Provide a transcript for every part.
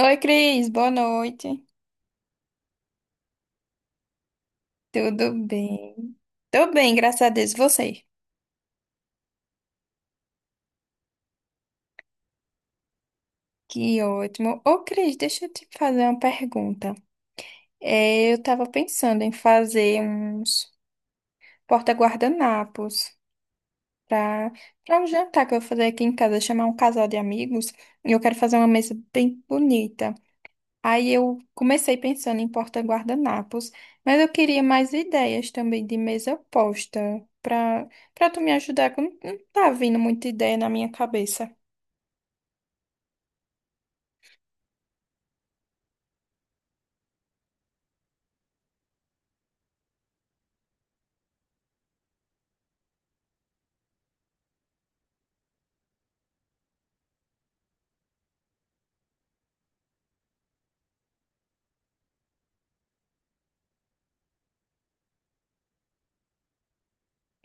Oi, Cris, boa noite. Tudo bem? Tô bem, graças a Deus. E você? Que ótimo. Ô, Cris, deixa eu te fazer uma pergunta. É, eu tava pensando em fazer uns porta-guardanapos para para um jantar que eu vou fazer aqui em casa, chamar um casal de amigos, e eu quero fazer uma mesa bem bonita. Aí eu comecei pensando em porta-guardanapos, mas eu queria mais ideias também de mesa posta para para tu me ajudar, que eu não tá vindo muita ideia na minha cabeça.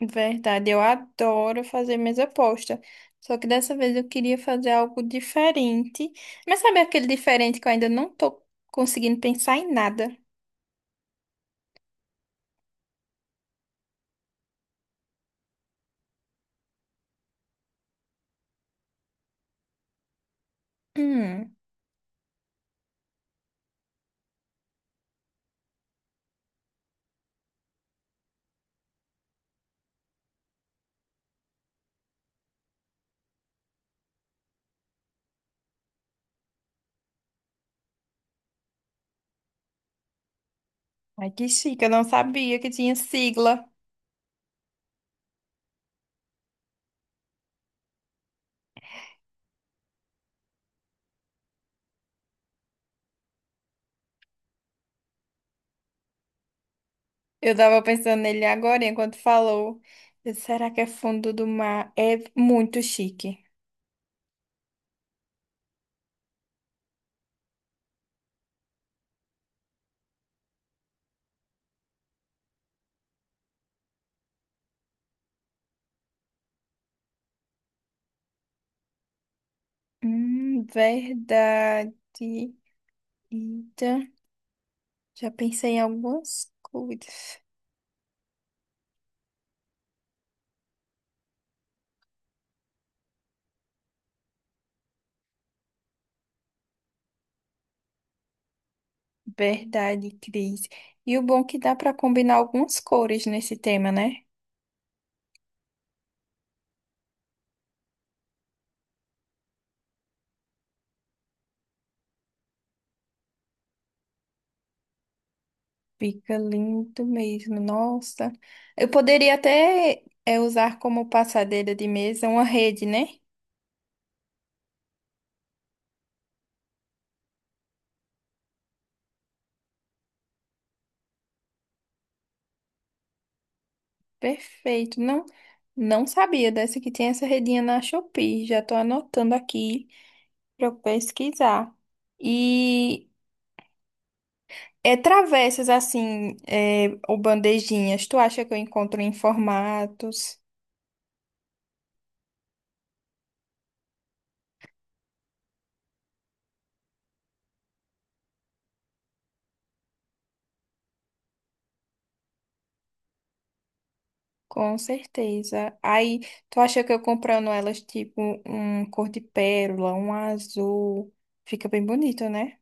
Verdade, eu adoro fazer mesa posta. Só que dessa vez eu queria fazer algo diferente. Mas sabe aquele diferente que eu ainda não tô conseguindo pensar em nada? Hum, Ai que chique, eu não sabia que tinha sigla. Eu tava pensando nele agora, enquanto falou. Será que é fundo do mar? É muito chique. Verdade. Eita, já pensei em algumas cores. Verdade, Cris. E o bom é que dá pra combinar algumas cores nesse tema, né? Fica lindo mesmo. Nossa. Eu poderia até usar como passadeira de mesa uma rede, né? Perfeito. Não, não sabia dessa que tem essa redinha na Shopee. Já tô anotando aqui para eu pesquisar. E é travessas assim, ou bandejinhas. Tu acha que eu encontro em formatos? Com certeza. Aí, tu acha que eu comprando elas tipo um cor de pérola, um azul, fica bem bonito, né?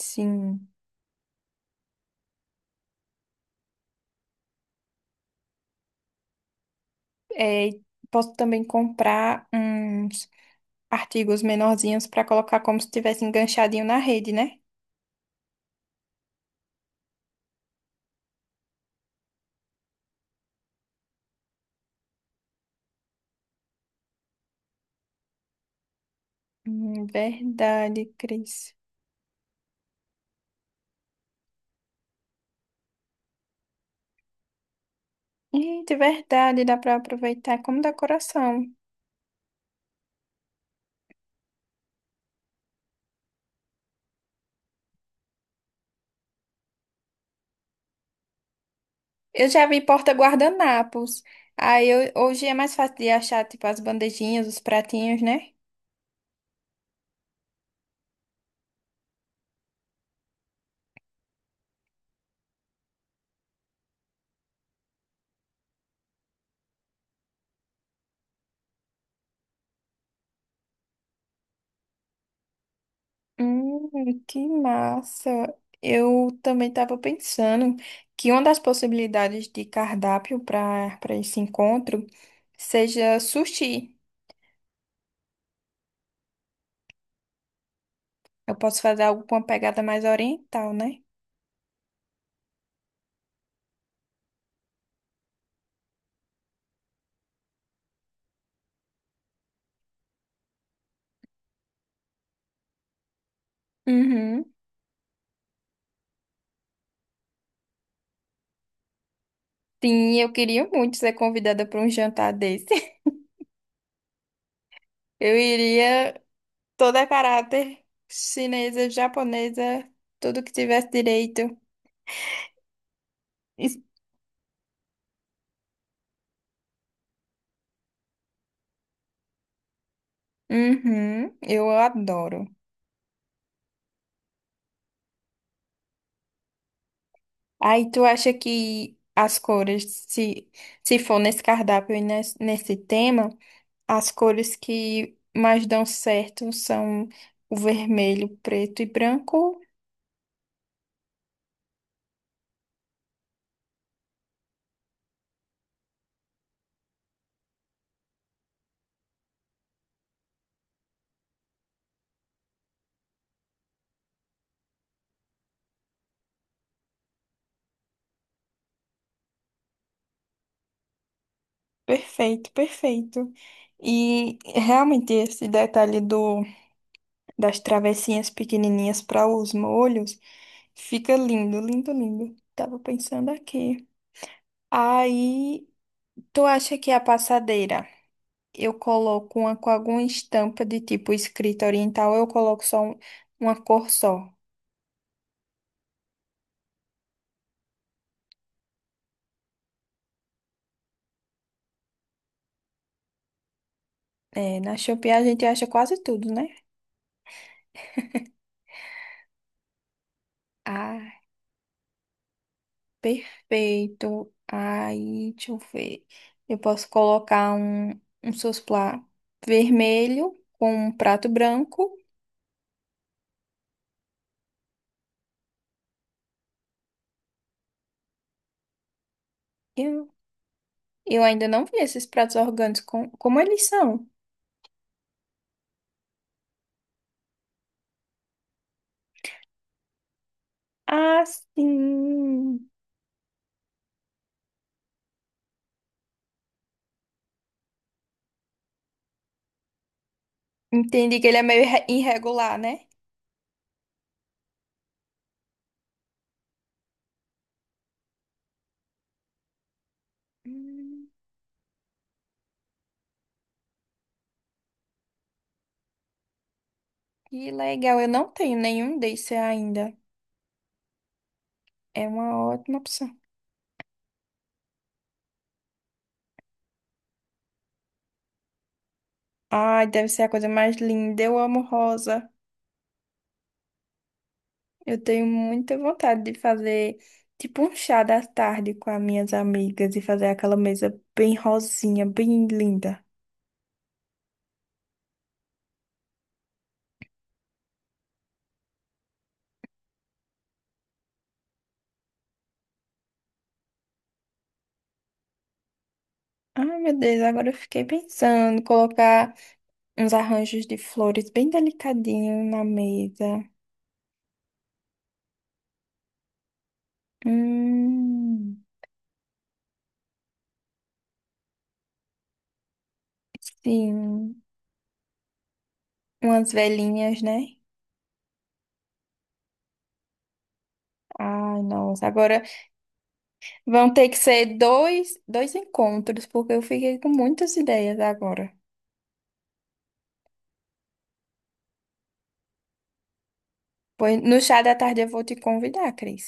Sim. É, posso também comprar artigos menorzinhos para colocar como se tivesse enganchadinho na rede, né? Verdade, Cris. Eita, é verdade, dá para aproveitar como decoração. Eu já vi porta-guardanapos. Hoje é mais fácil de achar, tipo, as bandejinhas, os pratinhos, né? Que massa. Eu também estava pensando que uma das possibilidades de cardápio para esse encontro seja sushi. Eu posso fazer algo com uma pegada mais oriental, né? Uhum. Sim, eu queria muito ser convidada para um jantar desse. Eu iria toda a caráter chinesa, japonesa, tudo que tivesse direito. Isso- Uhum, eu adoro. Aí tu acha que as cores, se for nesse cardápio e nesse tema, as cores que mais dão certo são o vermelho, preto e branco? Perfeito, perfeito. E realmente esse detalhe do das travessinhas pequenininhas para os molhos. Fica lindo, lindo, lindo. Tava pensando aqui. Aí, tu acha que é a passadeira eu coloco uma com alguma estampa de tipo escrita oriental, eu coloco uma cor só. É, na Shopee a gente acha quase tudo, né? Ah, perfeito. Aí, deixa eu ver. Eu posso colocar um susplá vermelho com um prato branco. Eu ainda não vi esses pratos orgânicos, como eles são? Ah, sim. Entendi que ele é meio irregular, né? Hum, Que legal, eu não tenho nenhum desse ainda. É uma ótima opção. Ai, deve ser a coisa mais linda. Eu amo rosa. Eu tenho muita vontade de fazer tipo um chá da tarde com as minhas amigas e fazer aquela mesa bem rosinha, bem linda. Ai, meu Deus, agora eu fiquei pensando, colocar. Uns arranjos de flores bem delicadinho na mesa. Hum, sim. Umas velhinhas, né? Ai, nossa. Agora vão ter que ser dois encontros, porque eu fiquei com muitas ideias agora. Pois no chá da tarde eu vou te convidar, Cris.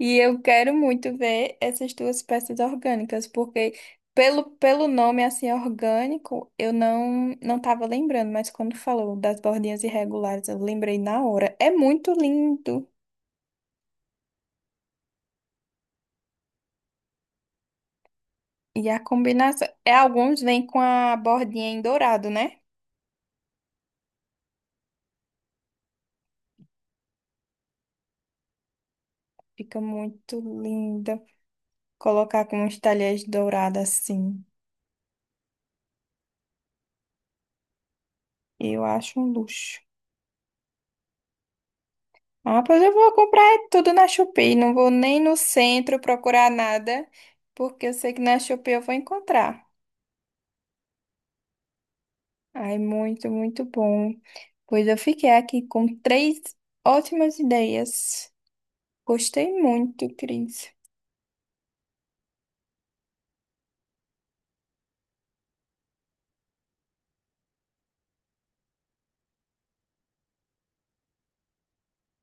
E eu quero muito ver essas duas peças orgânicas, porque pelo nome assim orgânico, eu não estava lembrando, mas quando falou das bordinhas irregulares, eu lembrei na hora. É muito lindo. E a combinação, é alguns vêm com a bordinha em dourado, né? Fica muito linda. Colocar com uns talheres dourados assim. Eu acho um luxo. Ah, pois eu vou comprar tudo na Shopee. Não vou nem no centro procurar nada, porque eu sei que na Shopee eu vou encontrar. Ai, muito, muito bom. Pois eu fiquei aqui com três ótimas ideias. Gostei muito, Cris.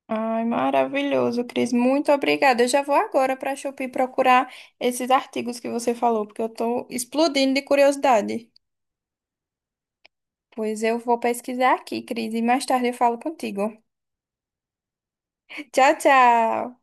Ai, maravilhoso, Cris. Muito obrigada. Eu já vou agora para a Shopee procurar esses artigos que você falou, porque eu estou explodindo de curiosidade. Pois eu vou pesquisar aqui, Cris, e mais tarde eu falo contigo. Tchau, tchau.